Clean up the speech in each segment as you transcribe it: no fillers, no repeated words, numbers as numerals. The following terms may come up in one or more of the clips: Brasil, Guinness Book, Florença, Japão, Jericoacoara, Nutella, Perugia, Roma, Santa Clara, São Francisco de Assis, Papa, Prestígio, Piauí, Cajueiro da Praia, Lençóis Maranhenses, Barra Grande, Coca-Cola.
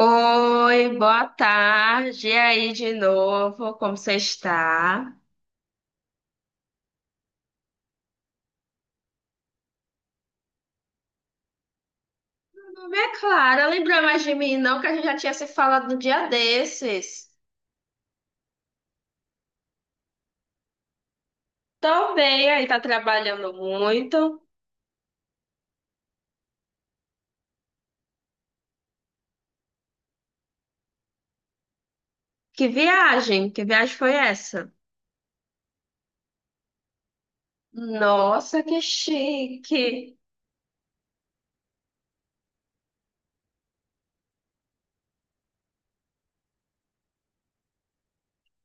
Oi, boa tarde. E aí de novo, como você está? Meu nome é Clara. Lembra mais de mim, não, que a gente já tinha se falado no dia desses. Tô bem, aí tá trabalhando muito. Que viagem? Que viagem foi essa? Nossa, que chique.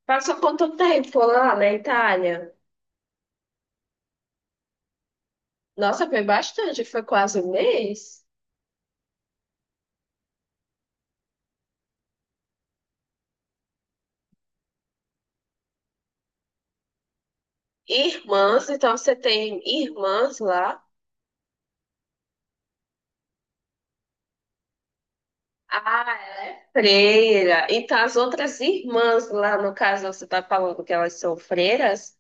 Passou quanto tempo lá na Itália? Nossa, foi bastante, foi quase um mês. Irmãs, então você tem irmãs lá? Ah, Freira. Então, as outras irmãs lá, no caso, você está falando que elas são freiras?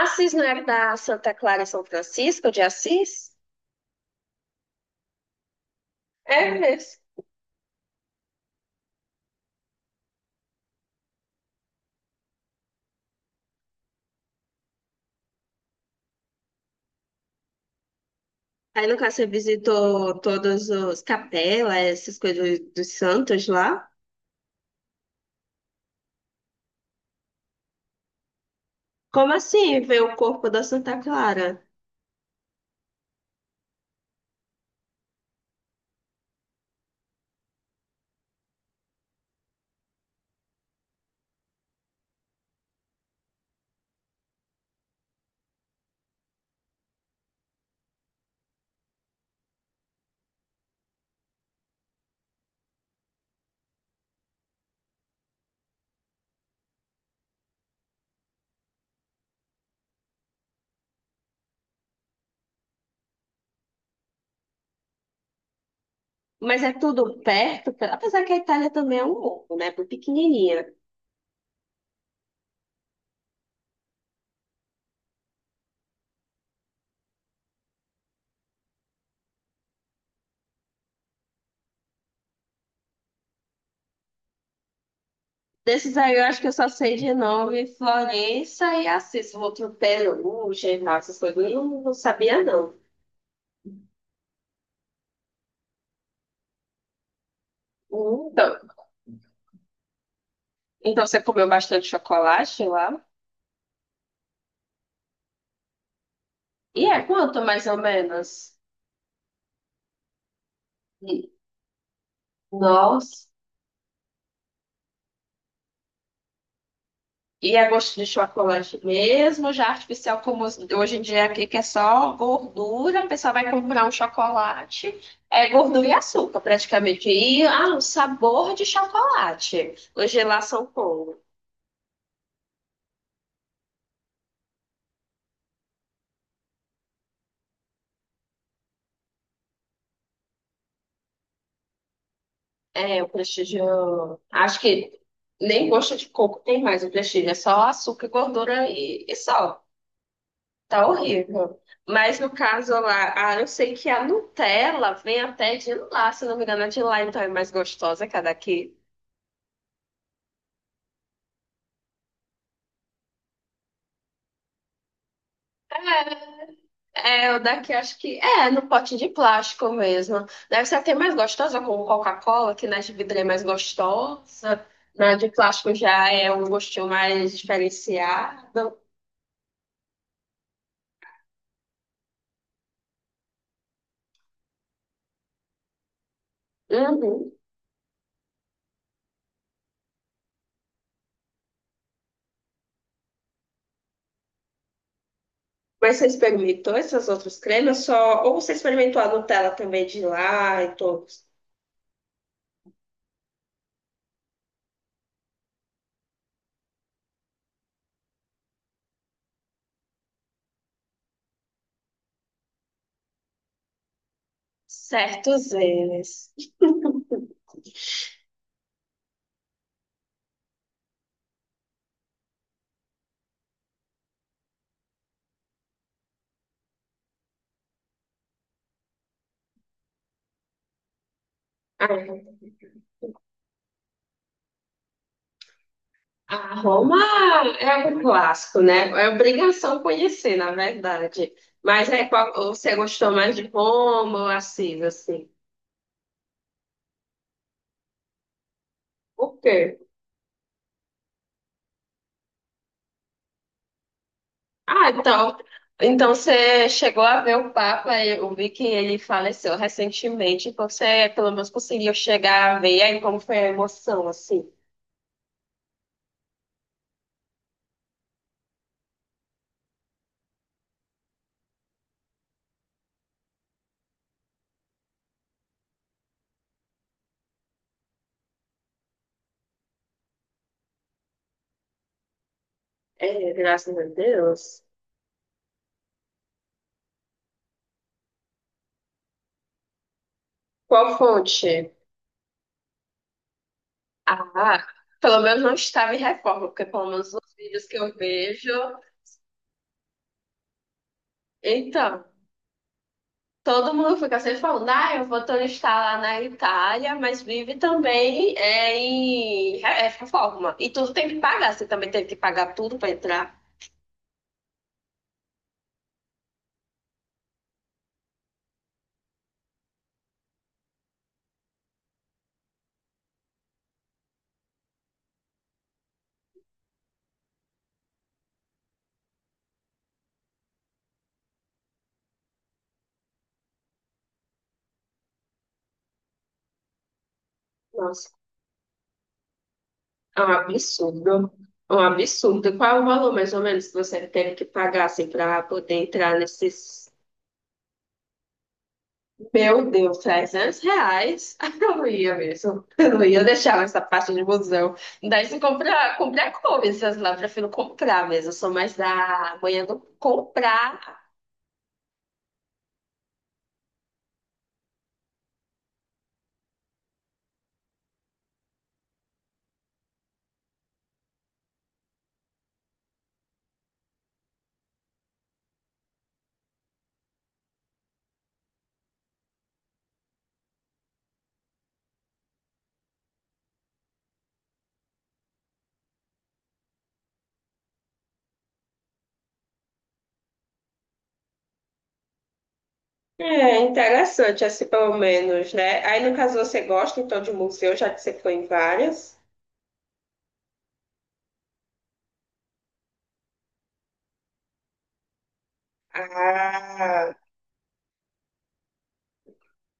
Assis não é da Santa Clara e São Francisco de Assis? É mesmo. Aí, no caso, você visitou todos os capelas, essas coisas dos santos lá? Como assim ver o corpo da Santa Clara? Mas é tudo perto, apesar que a Itália também é um mundo, né? Bem pequenininha. Desses aí, eu acho que eu só sei de nome Florença e Assis, o outro Perugia e tal, essas coisas. Eu não sabia, não. Hum. Então você comeu bastante chocolate lá? E é quanto, mais ou menos? Hum. Nossa. E é gosto de chocolate mesmo, já artificial como hoje em dia aqui, que é só gordura, a pessoa vai comprar um chocolate, é gordura e açúcar praticamente, e ah, o sabor de chocolate, hoje lá são como? É, o Prestígio. Acho que nem gosto de coco tem mais o Prestígio. É só açúcar, gordura e sal. Tá horrível. Mas no caso lá, ah, eu sei que a Nutella vem até de lá, se não me engano, é de lá, então é mais gostosa que a daqui. É, é, o daqui acho que é no pote de plástico mesmo. Deve ser até mais gostosa com Coca-Cola, que na de vidro é mais gostosa. Na de plástico já é um gostinho mais diferenciado. Uhum. Mas você experimentou essas outras cremas só? Ou você experimentou a Nutella também de lá e todos? Certos eles. Ah, a Roma é um clássico, né? É obrigação conhecer, na verdade. Mas é qual, você gostou mais de Roma ou Assis, assim? O quê? Ah, então, então você chegou a ver o Papa, eu vi que ele faleceu recentemente, então você pelo menos conseguiu chegar a ver aí como foi a emoção, assim. É, graças a Deus. Qual fonte? Ah, pelo menos não estava em reforma, porque pelo menos nos vídeos que eu vejo. Então, todo mundo fica sempre falando, ah, eu vou turistar lá na Itália, mas vive também em reforma. E tudo tem que pagar, você também tem que pagar tudo para entrar. Nossa, é um absurdo. É um absurdo. E qual é o valor, mais ou menos, que você tem que pagar assim, para poder entrar nesses. Meu Deus, 300 reais? Eu não ia mesmo. Eu não ia deixar essa parte de museu. Daí se comprar, comprar coisas lá, eu prefiro comprar mesmo. Eu sou mais da manhã do comprar. É interessante, assim, pelo menos, né? Aí, no caso, você gosta, então, de museu, já que você foi em várias. Ah.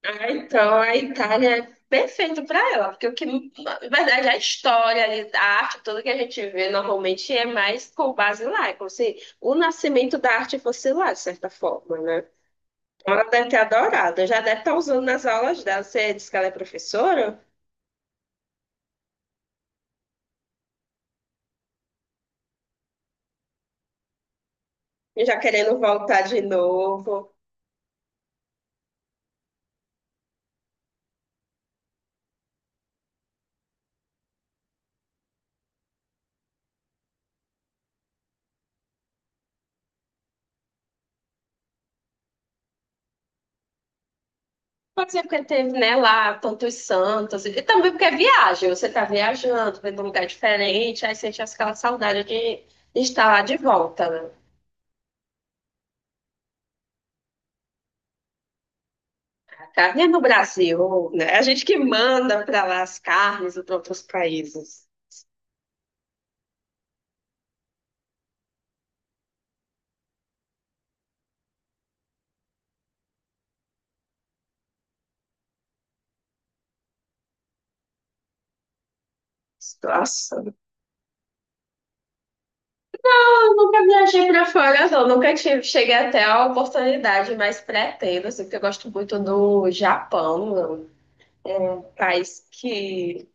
Ah, então a Itália é perfeito para ela, porque o que, na verdade, a história, ali, a arte, tudo que a gente vê normalmente é mais com base lá, é como se o nascimento da arte fosse lá, de certa forma, né? Então ela deve ter adorado, já deve estar usando nas aulas dela. Você disse que ela é professora, e já querendo voltar de novo. Pode ser porque teve, né, lá tantos santos, e também porque é viagem, você está viajando, vendo um lugar diferente, aí sente aquela saudade de estar lá de volta, né? Carne é no Brasil, né? A gente que manda para lá as carnes para outros países. Nossa. Eu nunca viajei para fora, não. Nunca tive, cheguei até a oportunidade, mas pretendo, assim, porque eu gosto muito do Japão, é um país que.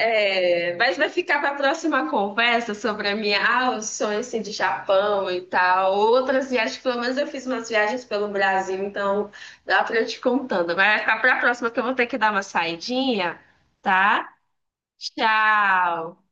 É, mas vai ficar para a próxima conversa sobre a minha, ah, os sonhos assim, de Japão e tal. Outras viagens, pelo menos eu fiz umas viagens pelo Brasil, então dá para eu te contando. Vai ficar para a próxima, que eu vou ter que dar uma saidinha, tá? Tchau.